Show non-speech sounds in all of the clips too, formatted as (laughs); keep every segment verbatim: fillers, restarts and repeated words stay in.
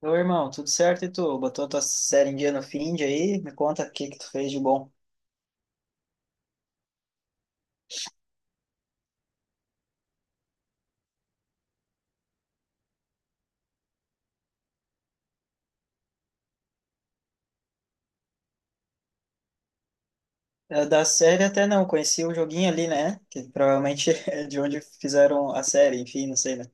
Oi irmão, tudo certo e tu? Botou tua série em dia no Find aí? Me conta o que que tu fez de bom. Eh, Da série até não, conheci o joguinho ali, né? Que provavelmente (laughs) é de onde fizeram a série, enfim, não sei, né?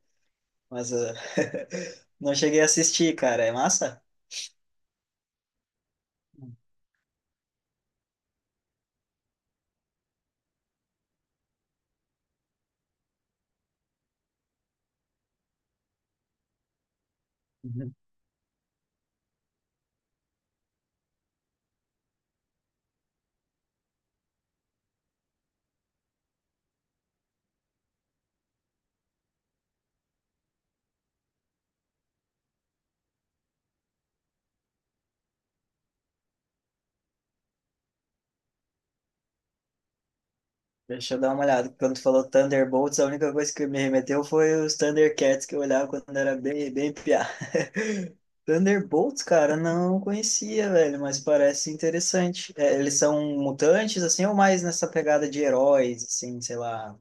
Mas eh, (laughs) não cheguei a assistir, cara. É massa? Deixa eu dar uma olhada. Quando tu falou Thunderbolts, a única coisa que me remeteu foi os Thundercats que eu olhava quando era bem, bem piá. (laughs) Thunderbolts, cara, não conhecia, velho, mas parece interessante. É, eles são mutantes, assim, ou mais nessa pegada de heróis, assim, sei lá.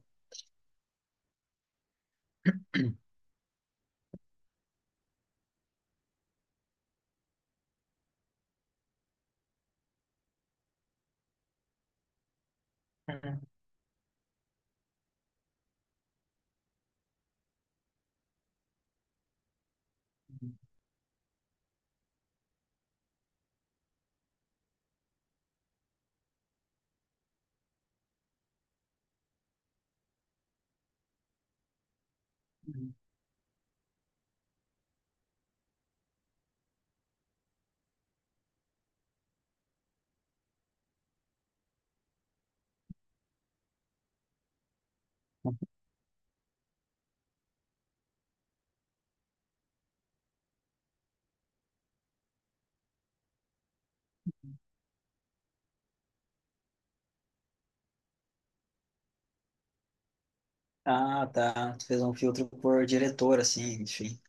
Uhum. Ah, tá. Tu fez um filtro por diretor, assim, enfim.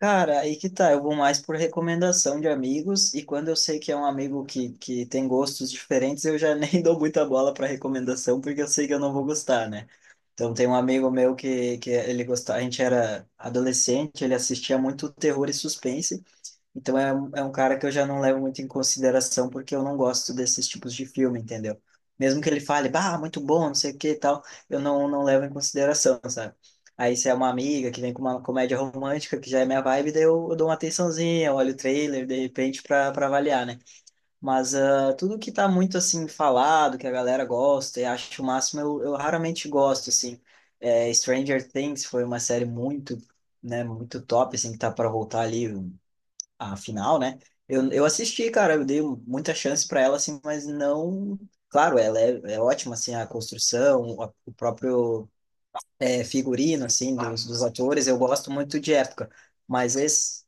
Cara, aí que tá. Eu vou mais por recomendação de amigos, e quando eu sei que é um amigo que, que tem gostos diferentes, eu já (laughs) nem dou muita bola para recomendação, porque eu sei que eu não vou gostar, né? Então, tem um amigo meu que, que ele gostava, a gente era adolescente, ele assistia muito terror e suspense, então é, um- é um cara que eu já não levo muito em consideração porque eu não gosto desses tipos de filme, entendeu? Mesmo que ele fale, bah, muito bom, não sei o que e tal, eu não, não levo em consideração, sabe? Aí se é uma amiga que vem com uma comédia romântica, que já é minha vibe, daí eu, eu dou uma atençãozinha, eu olho o trailer, de repente, pra, pra avaliar, né? Mas ah, tudo que tá muito, assim, falado, que a galera gosta e acha o máximo, eu, eu raramente gosto, assim. É, Stranger Things foi uma série muito né, muito top, assim, que tá para voltar ali a final, né? Eu, eu assisti, cara, eu dei muita chance pra ela, assim, mas não. Claro, ela é, é ótima, assim, a construção, a- o próprio é, figurino, assim, dos, dos atores, eu gosto muito de época. Mas esse,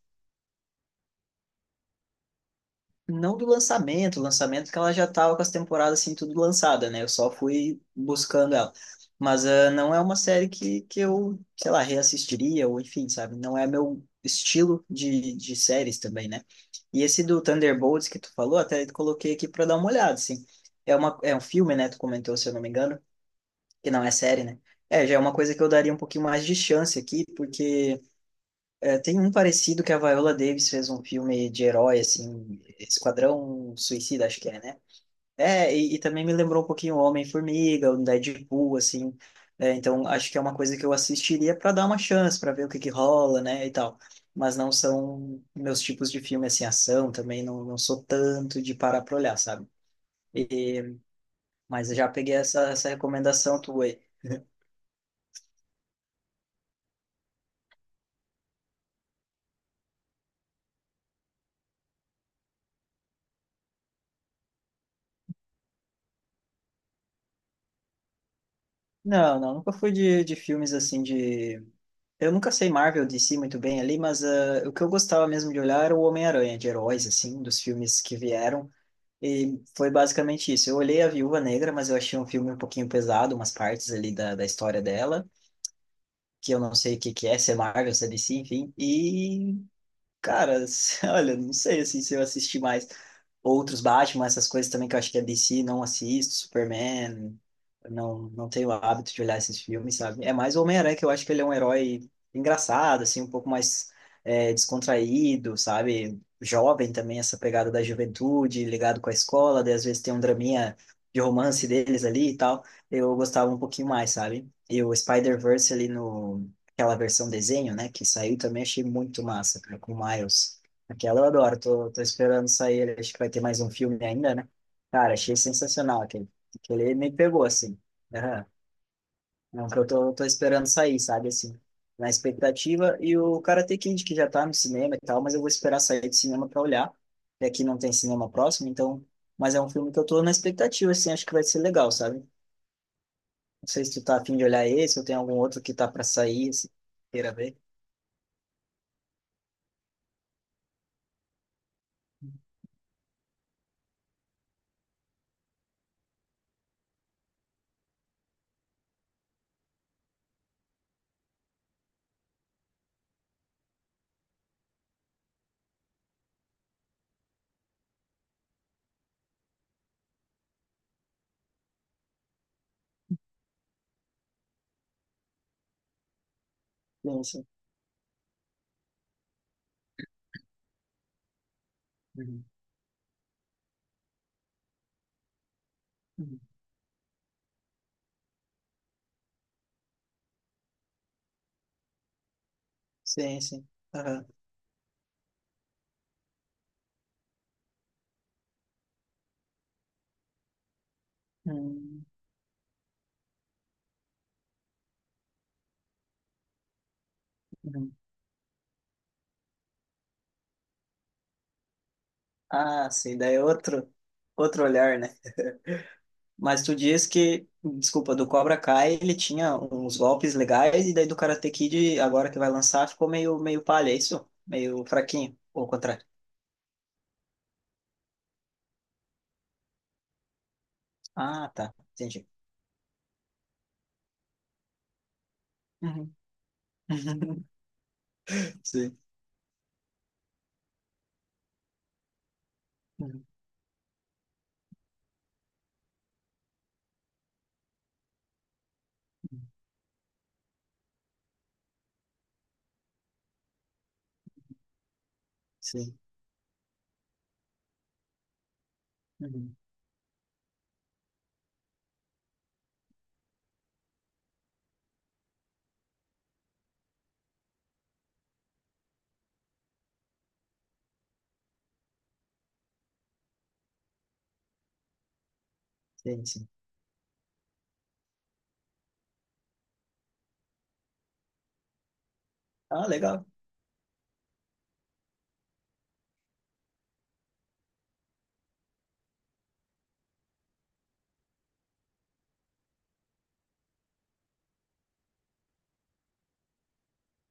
não do lançamento, lançamento que ela já estava com as temporadas assim tudo lançada, né? Eu só fui buscando ela. Mas ah, não é uma série que, que eu, sei lá, reassistiria, ou enfim, sabe? Não é meu estilo de, de séries também, né? E esse do Thunderbolts que tu falou, até coloquei aqui para dar uma olhada, assim. É uma, é um filme, né? Tu comentou, se eu não me engano, que não é série, né? É, já é uma coisa que eu daria um pouquinho mais de chance aqui, porque é, tem um parecido que a Viola Davis fez um filme de herói, assim, Esquadrão Suicida, acho que é, né? É, e, e também me lembrou um pouquinho o Homem-Formiga, o Deadpool, assim. É, então, acho que é uma coisa que eu assistiria para dar uma chance, para ver o que que rola, né, e tal. Mas não são meus tipos de filme, assim, ação também, não, não sou tanto de parar pra olhar, sabe? E, mas eu já peguei essa, essa recomendação tua aí. Não, não, nunca fui de, de filmes, assim, de eu nunca sei Marvel, D C muito bem ali, mas ah, o que eu gostava mesmo de olhar era o Homem-Aranha, de heróis, assim, dos filmes que vieram. E foi basicamente isso. Eu olhei a Viúva Negra, mas eu achei um filme um pouquinho pesado, umas partes ali da, da história dela, que eu não sei o que que é, se é Marvel, se é D C, enfim. E cara, (laughs) olha, não sei assim, se eu assisti mais outros Batman, essas coisas também que eu acho que é D C, não assisto, Superman, não, não tenho o hábito de olhar esses filmes, sabe? É mais o Homem-Aranha, que eu acho que ele é um herói engraçado, assim, um pouco mais é, descontraído, sabe? Jovem também, essa pegada da juventude, ligado com a escola, daí às vezes tem um draminha de romance deles ali e tal. Eu gostava um pouquinho mais, sabe? E o Spider-Verse ali no aquela versão desenho, né, que saiu também, achei muito massa, cara, com o Miles. Aquela eu adoro, tô, tô esperando sair, ele- acho que vai ter mais um filme ainda, né? Cara, achei sensacional aquele. Aquele me pegou, assim. Aham. É um que eu tô, tô esperando sair, sabe, assim, na expectativa. E o Karate Kid, que já tá no cinema e tal, mas eu vou esperar sair do cinema pra olhar. E aqui não tem cinema próximo, então... Mas é um filme que eu tô na expectativa, assim, acho que vai ser legal, sabe? Não sei se tu tá afim de olhar esse ou tem algum outro que tá pra sair, assim, queira ver. Sim, sim. Uhum, uhum. Sim, sim. Aham. Hum, uhum. Ah, sim, daí é outro, outro olhar, né? Mas tu diz que, desculpa, do Cobra Kai ele tinha uns golpes legais e daí do Karate Kid, agora que vai lançar, ficou meio, meio palha, é isso? Meio fraquinho, ou ao contrário. Ah, tá, entendi. Uhum. (laughs) Sim. Uhum. Sim. Uhum. Sim, sim. Ah, legal.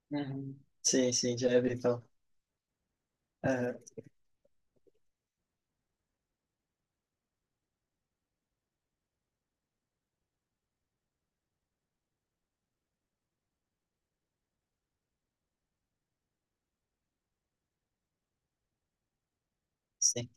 Uhum. Sim, sim, já vi, então. Aham, sim.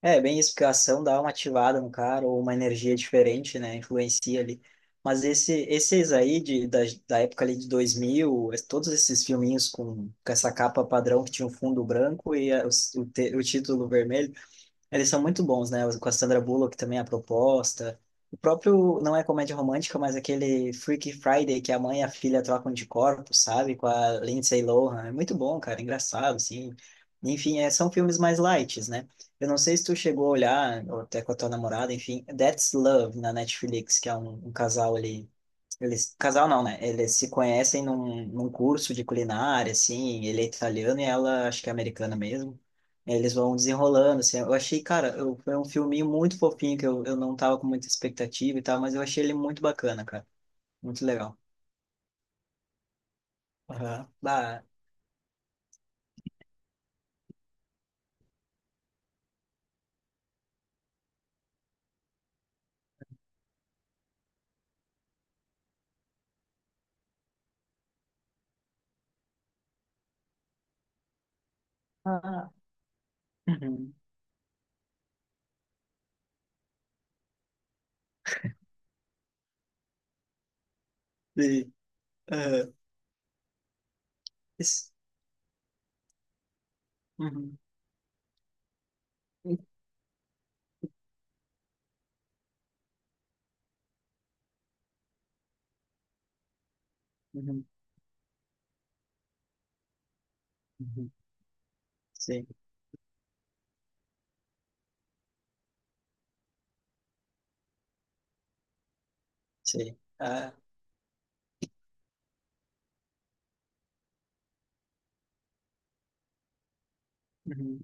É, bem isso, porque a ação dá uma ativada no cara, ou uma energia diferente, né? Influencia ali. Mas esse, esses aí, de, da, da época ali de dois mil, es- todos esses filminhos com, com essa capa padrão que tinha o fundo branco e a, o, s- o te- o título vermelho, eles são muito bons, né? Com a Sandra Bullock também, a proposta. O próprio, não é comédia romântica, mas aquele Freaky Friday que a mãe e a filha trocam de corpo, sabe? Com a Lindsay Lohan. É muito bom, cara. Engraçado, assim. Enfim, é, são filmes mais light né? Eu não sei se tu chegou a olhar, ou até com a tua namorada, enfim, That's Love na Netflix, que é um, um casal ali eles, casal não, né? Eles se conhecem num, num curso de culinária, assim, ele é italiano e ela, acho que é americana mesmo. Eles vão desenrolando, assim. Eu achei, cara, eu, foi um filminho muito fofinho que eu, eu não tava com muita expectativa e tal, mas eu achei ele muito bacana, cara. Muito legal. Aham. Bah. Ah. Uhum. Sim. Aham. Isso. Uhum. Uhum. Uhum. Sim, sim. Ah. Uhum.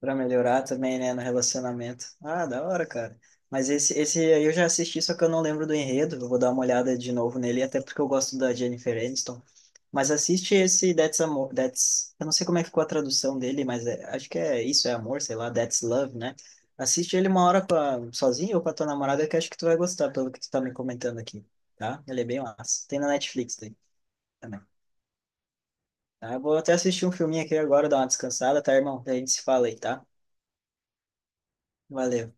Pra melhorar também, né, no relacionamento. Ah, da hora, cara. Mas esse, esse aí eu já assisti, só que eu não lembro do enredo. Eu vou dar uma olhada de novo nele, até porque eu gosto da Jennifer Aniston. Mas assiste esse That's Amor, That's... Eu não sei como é que ficou a tradução dele, mas é- acho que é Isso é Amor, sei lá, That's Love, né? Assiste ele uma hora com a- sozinho ou com a tua namorada, que acho que tu vai gostar, pelo que tu tá me comentando aqui, tá? Ele é bem massa. Tem na Netflix daí também. Tá, eu vou até assistir um filminho aqui agora, dar uma descansada, tá, irmão? Daí a gente se fala aí, tá? Valeu.